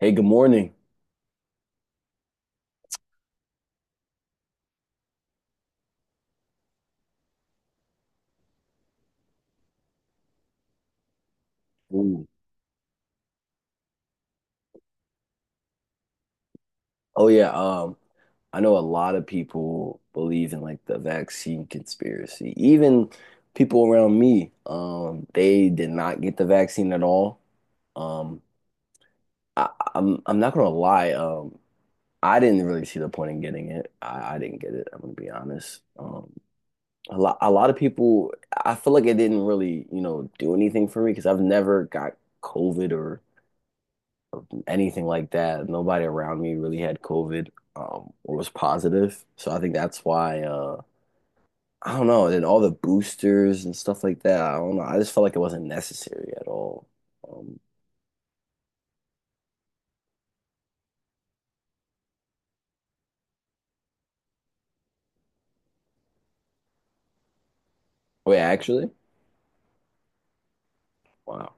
Hey, good morning. Ooh. Oh yeah, um, I know a lot of people believe in like the vaccine conspiracy. Even people around me, they did not get the vaccine at all. Um, I, I'm not gonna lie. I didn't really see the point in getting it. I didn't get it. I'm gonna be honest. A lot of people, I feel like it didn't really, do anything for me because I've never got COVID or. Anything like that. Nobody around me really had COVID, or was positive. So I think that's why, I don't know. And all the boosters and stuff like that. I don't know. I just felt like it wasn't necessary at all. Um, actually, wow.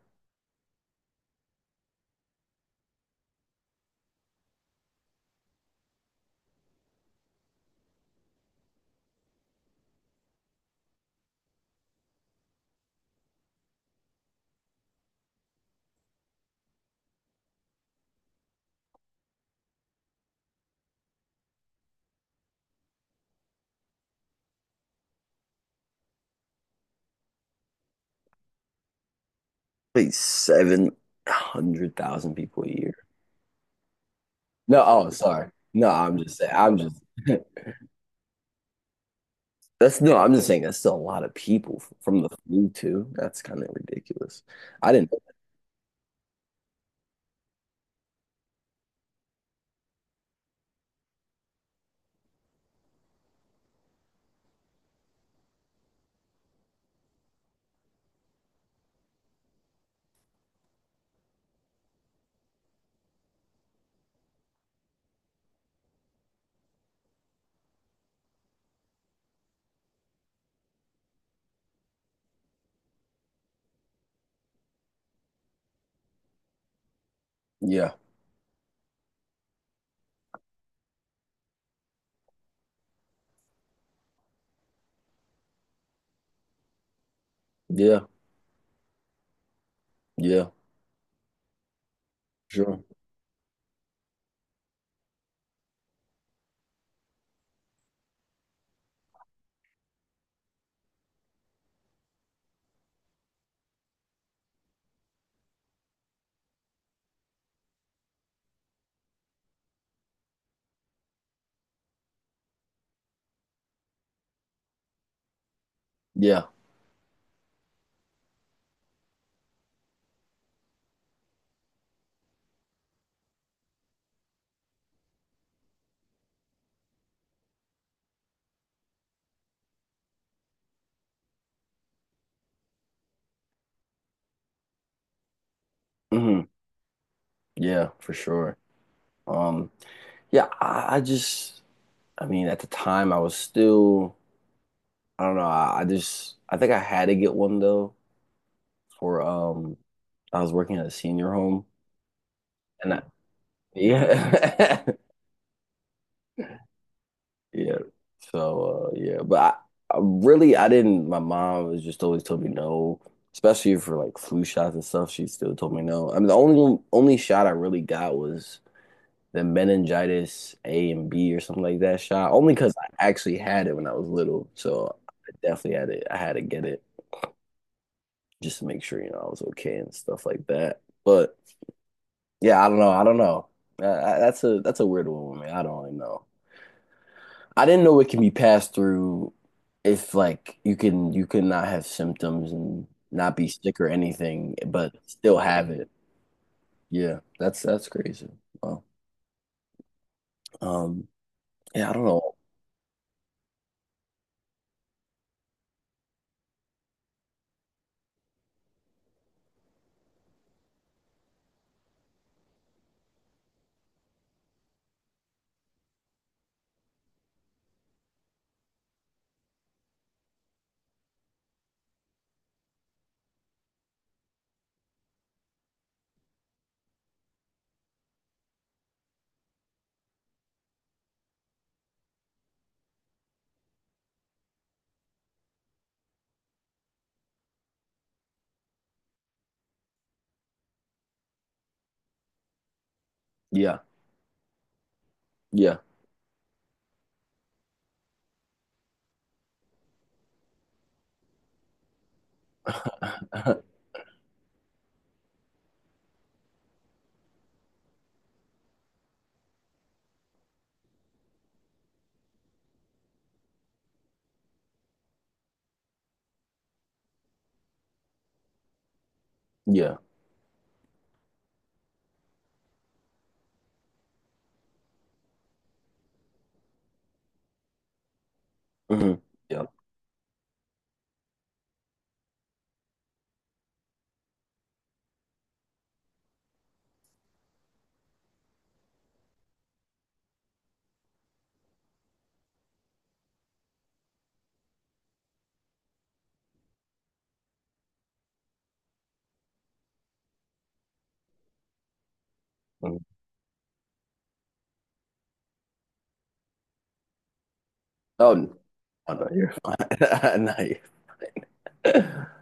Wait, 700,000 people a year. No, oh, sorry. No, I'm just saying, that's no, I'm just saying that's still a lot of people from the flu too. That's kind of ridiculous. I didn't. Yeah, yeah, yeah, sure. Yeah. Mhm. Yeah, for sure. Um, I just, I mean, at the time I was still, I don't know, I just, I think I had to get one though for, I was working at a senior home and I, yeah, yeah. So, yeah, but I really, I didn't, my mom was just always told me no, especially for like flu shots and stuff. She still told me no. I mean, the only shot I really got was the meningitis A and B or something like that shot. Only because I actually had it when I was little, so I definitely had it. I had to get it just to make sure you know I was okay and stuff like that. But yeah, I don't know. I don't know. That's a weird one, man. I don't really know. I didn't know it can be passed through if like you can not have symptoms and not be sick or anything, but still have it. Yeah, that's crazy. Well, um, yeah, I don't know. Yeah, yeah. Yeah. Hmm. Yeah. Mhm. Oh, n- oh no, you're fine. No, you're—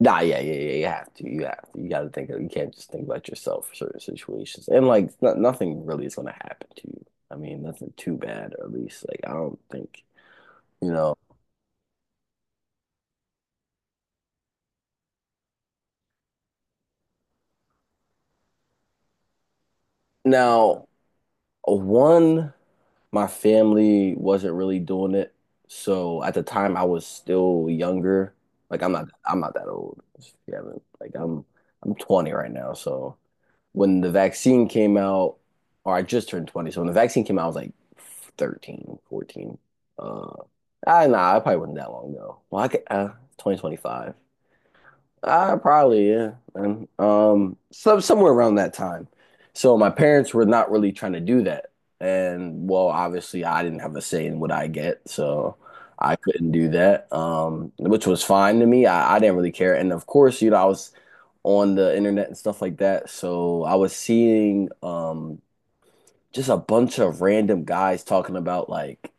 Nah, yeah, yeah, yeah. You have to. You have to. You got to think of, you can't just think about yourself for certain situations. And like no, nothing really is going to happen to you. I mean, nothing too bad, or at least like I don't think, you know. Now, one, my family wasn't really doing it. So at the time I was still younger. Like I'm not that old. If you haven't, like, I'm 20 right now, so when the vaccine came out, or I just turned 20. So when the vaccine came out, I was like 13, 14. 14. I, nah, I probably wasn't that long ago. Well, I could, 2025. Probably, yeah. Man. So, somewhere around that time. So my parents were not really trying to do that. And well, obviously I didn't have a say in what I get, so I couldn't do that. Which was fine to me. I didn't really care. And of course, you know, I was on the internet and stuff like that. So I was seeing just a bunch of random guys talking about like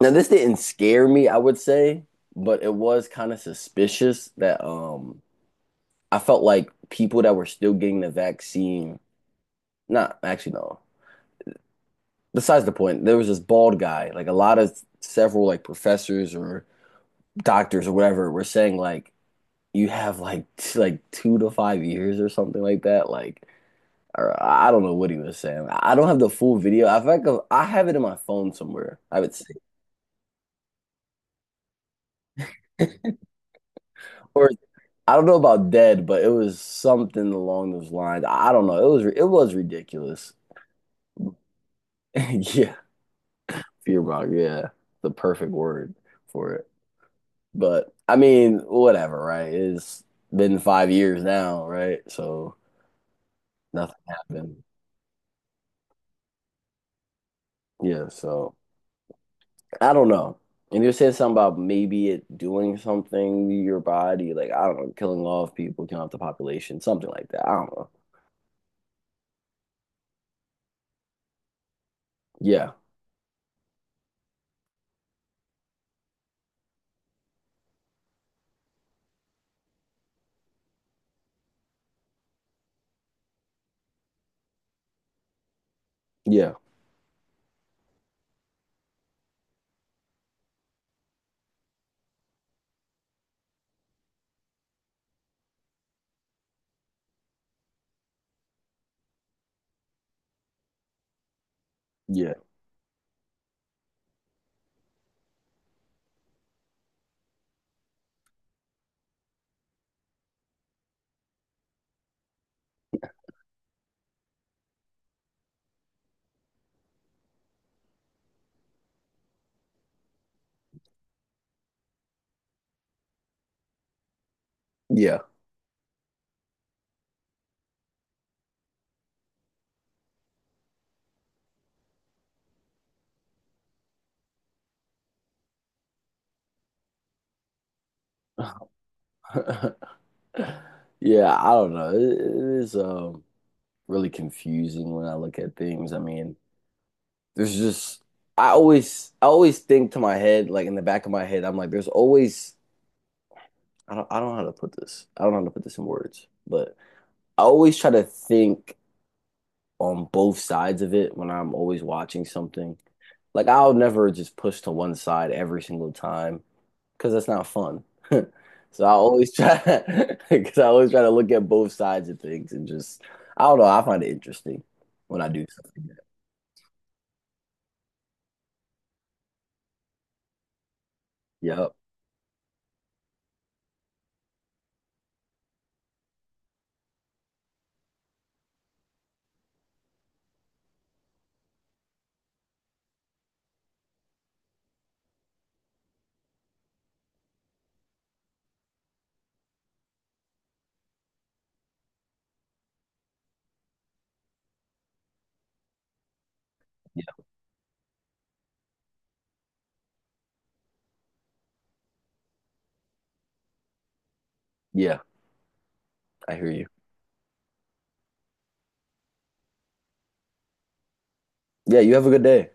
now this didn't scare me, I would say, but it was kind of suspicious that I felt like people that were still getting the vaccine, not actually no. Besides the point, there was this bald guy, like a lot of several like professors or doctors or whatever were saying like you have like like 2 to 5 years or something like that. Like or I don't know what he was saying. I don't have the full video. I think of, I have it in my phone somewhere. I would say, or I don't know about dead, but it was something along those lines. I don't know. It was ridiculous. Yeah, fearbog. Yeah, the perfect word for it. But I mean, whatever, right? It's been 5 years now, right? So nothing happened. Yeah, so. I don't know. And you said something about maybe it doing something to your body, like I don't know, killing off people, killing off the population, something like that. I don't know. Yeah, yeah, yeah, yeah, yeah. I don't know. It is really confusing when I look at things. I mean, there's just I always think to my head, like in the back of my head, I'm like, there's always I don't know how to put this. I don't know how to put this in words, but I always try to think on both sides of it when I'm always watching something. Like I'll never just push to one side every single time because that's not fun. So I always try because I always try to look at both sides of things and just I don't know, I find it interesting when I do something. Yep. Yeah. Yeah, I hear you. Yeah, you have a good day.